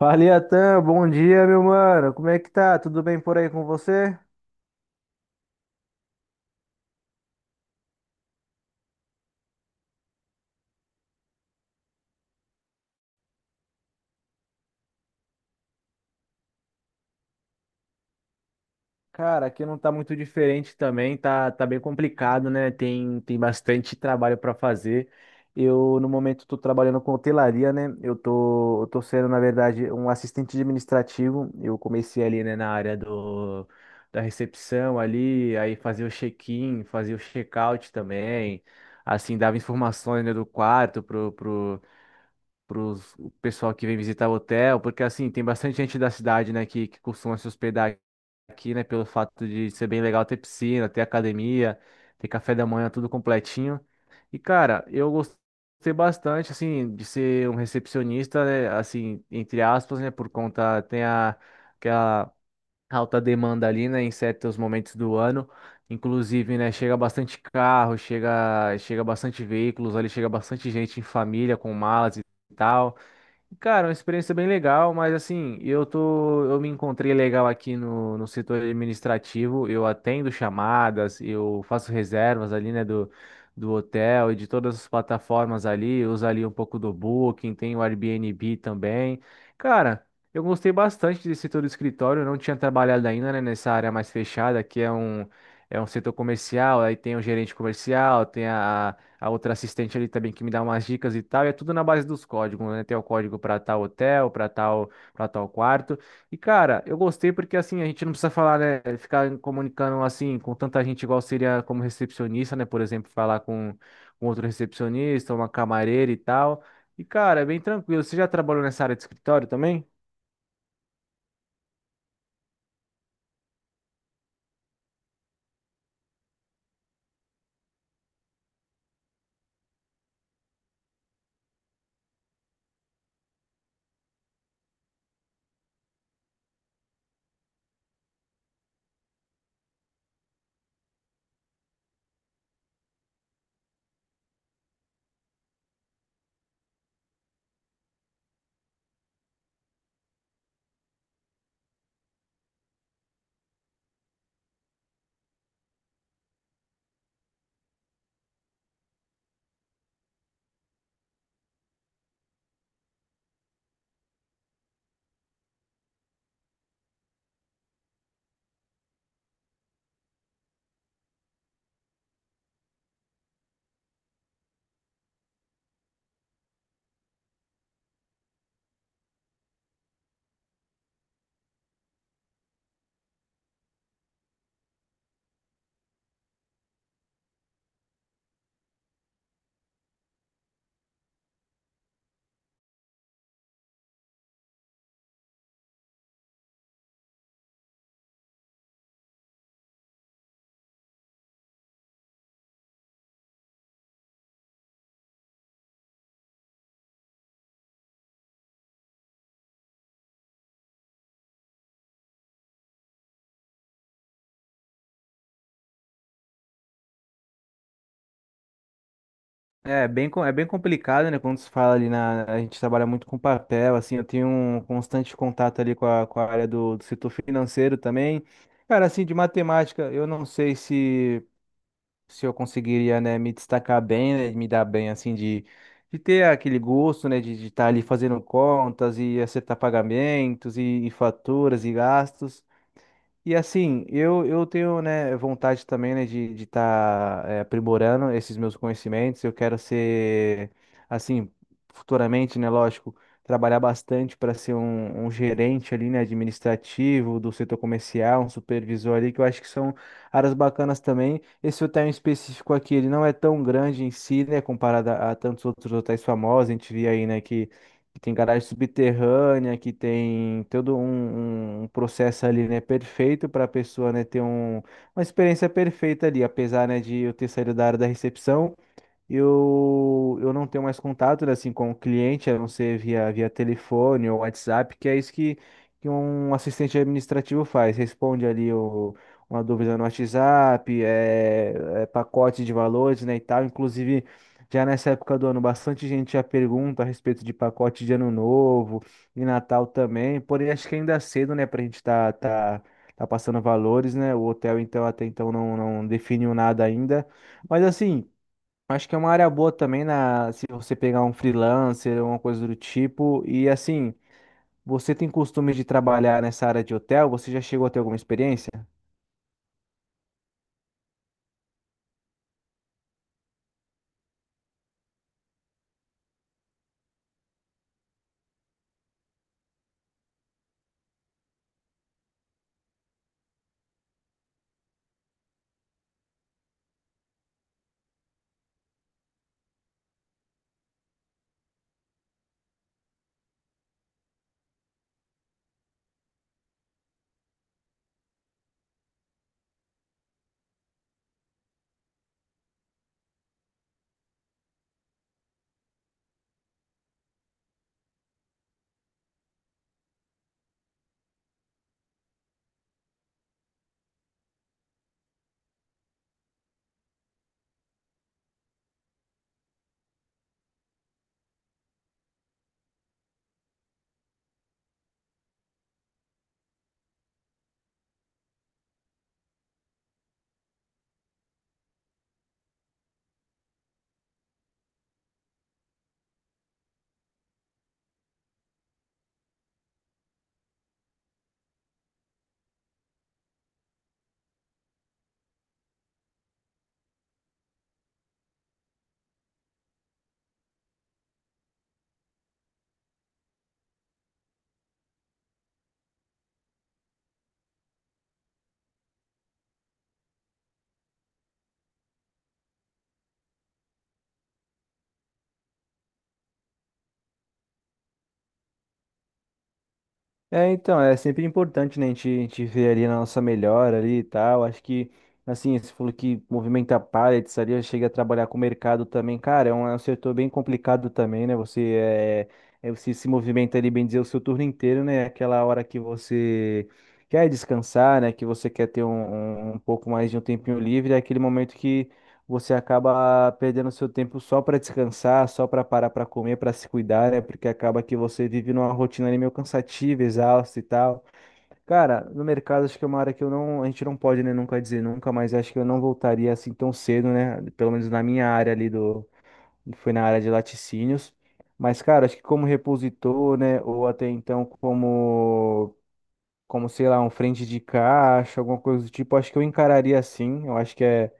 Fala, Iatan, bom dia, meu mano. Como é que tá? Tudo bem por aí com você? Cara, aqui não tá muito diferente também, tá, tá bem complicado, né? Tem bastante trabalho para fazer. Eu, no momento, tô trabalhando com hotelaria, né? Eu tô sendo, na verdade, um assistente administrativo. Eu comecei ali, né, na área do, da recepção ali, aí fazia o check-in, fazia o check-out também. Assim, dava informações, né, do quarto para o pessoal que vem visitar o hotel, porque assim, tem bastante gente da cidade, né, que costuma se hospedar aqui, né, pelo fato de ser bem legal ter piscina, ter academia, ter café da manhã, tudo completinho. E cara, eu gostei bastante, assim, de ser um recepcionista, né, assim, entre aspas, né, por conta, tem a, aquela alta demanda ali, né, em certos momentos do ano. Inclusive, né, chega bastante carro, chega bastante veículos ali, chega bastante gente em família com malas e tal. Cara, uma experiência bem legal, mas assim, eu tô, eu me encontrei legal aqui no, no setor administrativo, eu atendo chamadas, eu faço reservas ali, né, do, do hotel e de todas as plataformas ali, eu uso ali um pouco do Booking, tem o Airbnb também. Cara, eu gostei bastante desse setor do escritório, eu não tinha trabalhado ainda, né, nessa área mais fechada, que é um setor comercial, aí tem o gerente comercial, tem a outra assistente ali também que me dá umas dicas e tal, e é tudo na base dos códigos, né? Tem o código para tal hotel, para tal quarto. E cara, eu gostei porque assim, a gente não precisa falar, né, ficar comunicando assim com tanta gente igual seria como recepcionista, né, por exemplo, falar com outro recepcionista, uma camareira e tal. E cara, é bem tranquilo. Você já trabalhou nessa área de escritório também? É bem, co- é bem complicado, né? Quando se fala ali na. A gente trabalha muito com papel, assim, eu tenho um constante contato ali com a área do, do setor financeiro também. Cara, assim, de matemática, eu não sei se, se eu conseguiria, né, me destacar bem, né, me dar bem, assim, de ter aquele gosto, né, de estar ali fazendo contas e acertar pagamentos e faturas e gastos. E assim, eu tenho, né, vontade também, né, de estar de tá, aprimorando esses meus conhecimentos. Eu quero ser, assim, futuramente, né, lógico, trabalhar bastante para ser um, um gerente ali, né, administrativo do setor comercial, um supervisor ali, que eu acho que são áreas bacanas também. Esse hotel em específico aqui, ele não é tão grande em si, né, comparado a tantos outros hotéis famosos. A gente via aí, né, que tem garagem subterrânea, que tem todo um, um processo ali, né, perfeito para a pessoa, né, ter um, uma experiência perfeita ali, apesar, né, de eu ter saído da área da recepção. Eu não tenho mais contato, né, assim, com o cliente, a não ser via, via telefone ou WhatsApp, que é isso que um assistente administrativo faz. Responde ali o, uma dúvida no WhatsApp, é, é pacote de valores, né, e tal. Inclusive, já nessa época do ano, bastante gente já pergunta a respeito de pacote de Ano Novo e Natal também. Porém, acho que ainda é cedo, né, pra gente tá, tá, tá passando valores, né? O hotel, então, até então, não, não definiu nada ainda. Mas, assim... Acho que é uma área boa também na, se você pegar um freelancer ou uma coisa do tipo. E assim, você tem costume de trabalhar nessa área de hotel? Você já chegou a ter alguma experiência? É, então, é sempre importante, né, a gente ver ali na nossa melhora ali e tal. Acho que, assim, você falou que movimenta pallets ali, chega a trabalhar com o mercado também. Cara, é um setor bem complicado também, né? Você, é, é, você se movimenta ali, bem dizer, o seu turno inteiro, né? Aquela hora que você quer descansar, né? Que você quer ter um, um, um pouco mais de um tempinho livre, é aquele momento que você acaba perdendo seu tempo só para descansar, só para parar para comer, para se cuidar, né? Porque acaba que você vive numa rotina ali meio cansativa, exausta e tal. Cara, no mercado acho que é uma área que eu não, a gente não pode, né, nunca dizer nunca, mas acho que eu não voltaria assim tão cedo, né? Pelo menos na minha área ali do, foi na área de laticínios. Mas, cara, acho que como repositor, né, ou até então como como, sei lá, um frente de caixa, alguma coisa do tipo, acho que eu encararia assim. Eu acho que é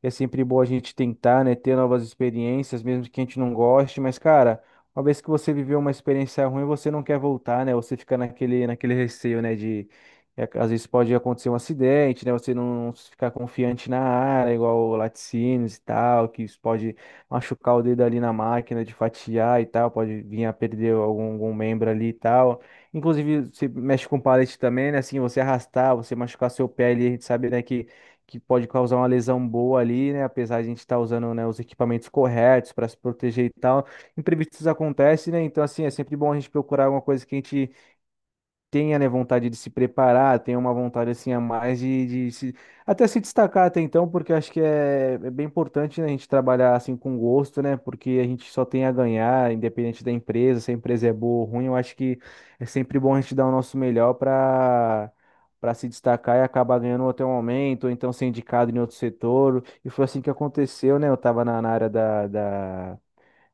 é sempre bom a gente tentar, né, ter novas experiências, mesmo que a gente não goste, mas, cara, uma vez que você viveu uma experiência ruim, você não quer voltar, né? Você fica naquele receio, né, de é, às vezes pode acontecer um acidente, né? Você não ficar confiante na área, igual laticínios e tal, que isso pode machucar o dedo ali na máquina de fatiar e tal, pode vir a perder algum, algum membro ali e tal. Inclusive, você mexe com palete também, né? Assim, você arrastar, você machucar seu pé ali, a gente sabe, né, que pode causar uma lesão boa ali, né? Apesar de a gente estar usando, né, os equipamentos corretos para se proteger e tal. Imprevistos acontecem, né? Então, assim, é sempre bom a gente procurar alguma coisa que a gente tenha, né, vontade de se preparar, tenha uma vontade assim a mais de se, até se destacar até então, porque eu acho que é, é bem importante, né, a gente trabalhar assim com gosto, né, porque a gente só tem a ganhar, independente da empresa, se a empresa é boa ou ruim, eu acho que é sempre bom a gente dar o nosso melhor para para se destacar e acabar ganhando até o momento, ou então ser indicado em outro setor. E foi assim que aconteceu, né? Eu estava na, na área da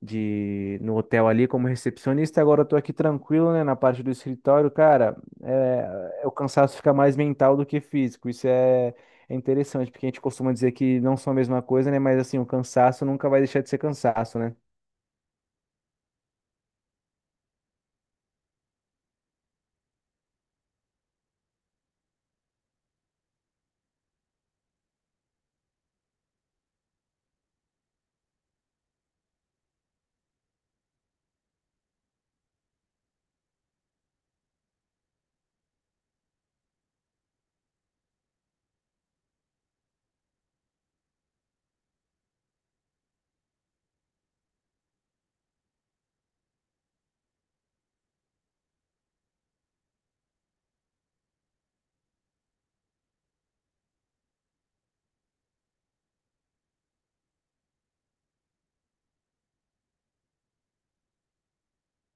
de no hotel ali como recepcionista. Agora eu tô aqui tranquilo, né, na parte do escritório, cara. É, é- o cansaço fica mais mental do que físico. Isso é, é interessante, porque a gente costuma dizer que não são a mesma coisa, né? Mas assim, o cansaço nunca vai deixar de ser cansaço, né?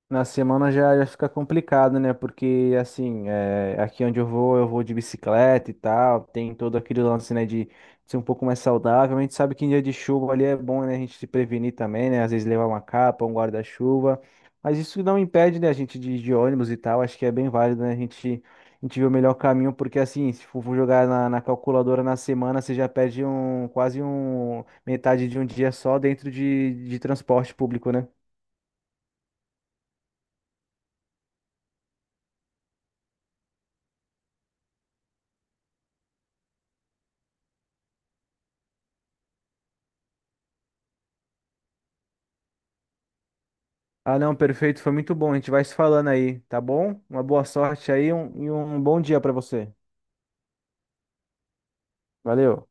Na semana já, já fica complicado, né? Porque, assim, é, aqui onde eu vou de bicicleta e tal, tem todo aquele lance, né, de ser um pouco mais saudável. A gente sabe que em dia de chuva ali é bom, né, a gente se prevenir também, né? Às vezes levar uma capa, um guarda-chuva. Mas isso não impede, né, a gente de, ir de ônibus e tal. Acho que é bem válido, né? A gente vê o melhor caminho, porque, assim, se for jogar na, na calculadora na semana, você já perde um, quase um, metade de um dia só dentro de transporte público, né? Ah, não, perfeito, foi muito bom. A gente vai se falando aí, tá bom? Uma boa sorte aí um- e um bom dia pra você. Valeu.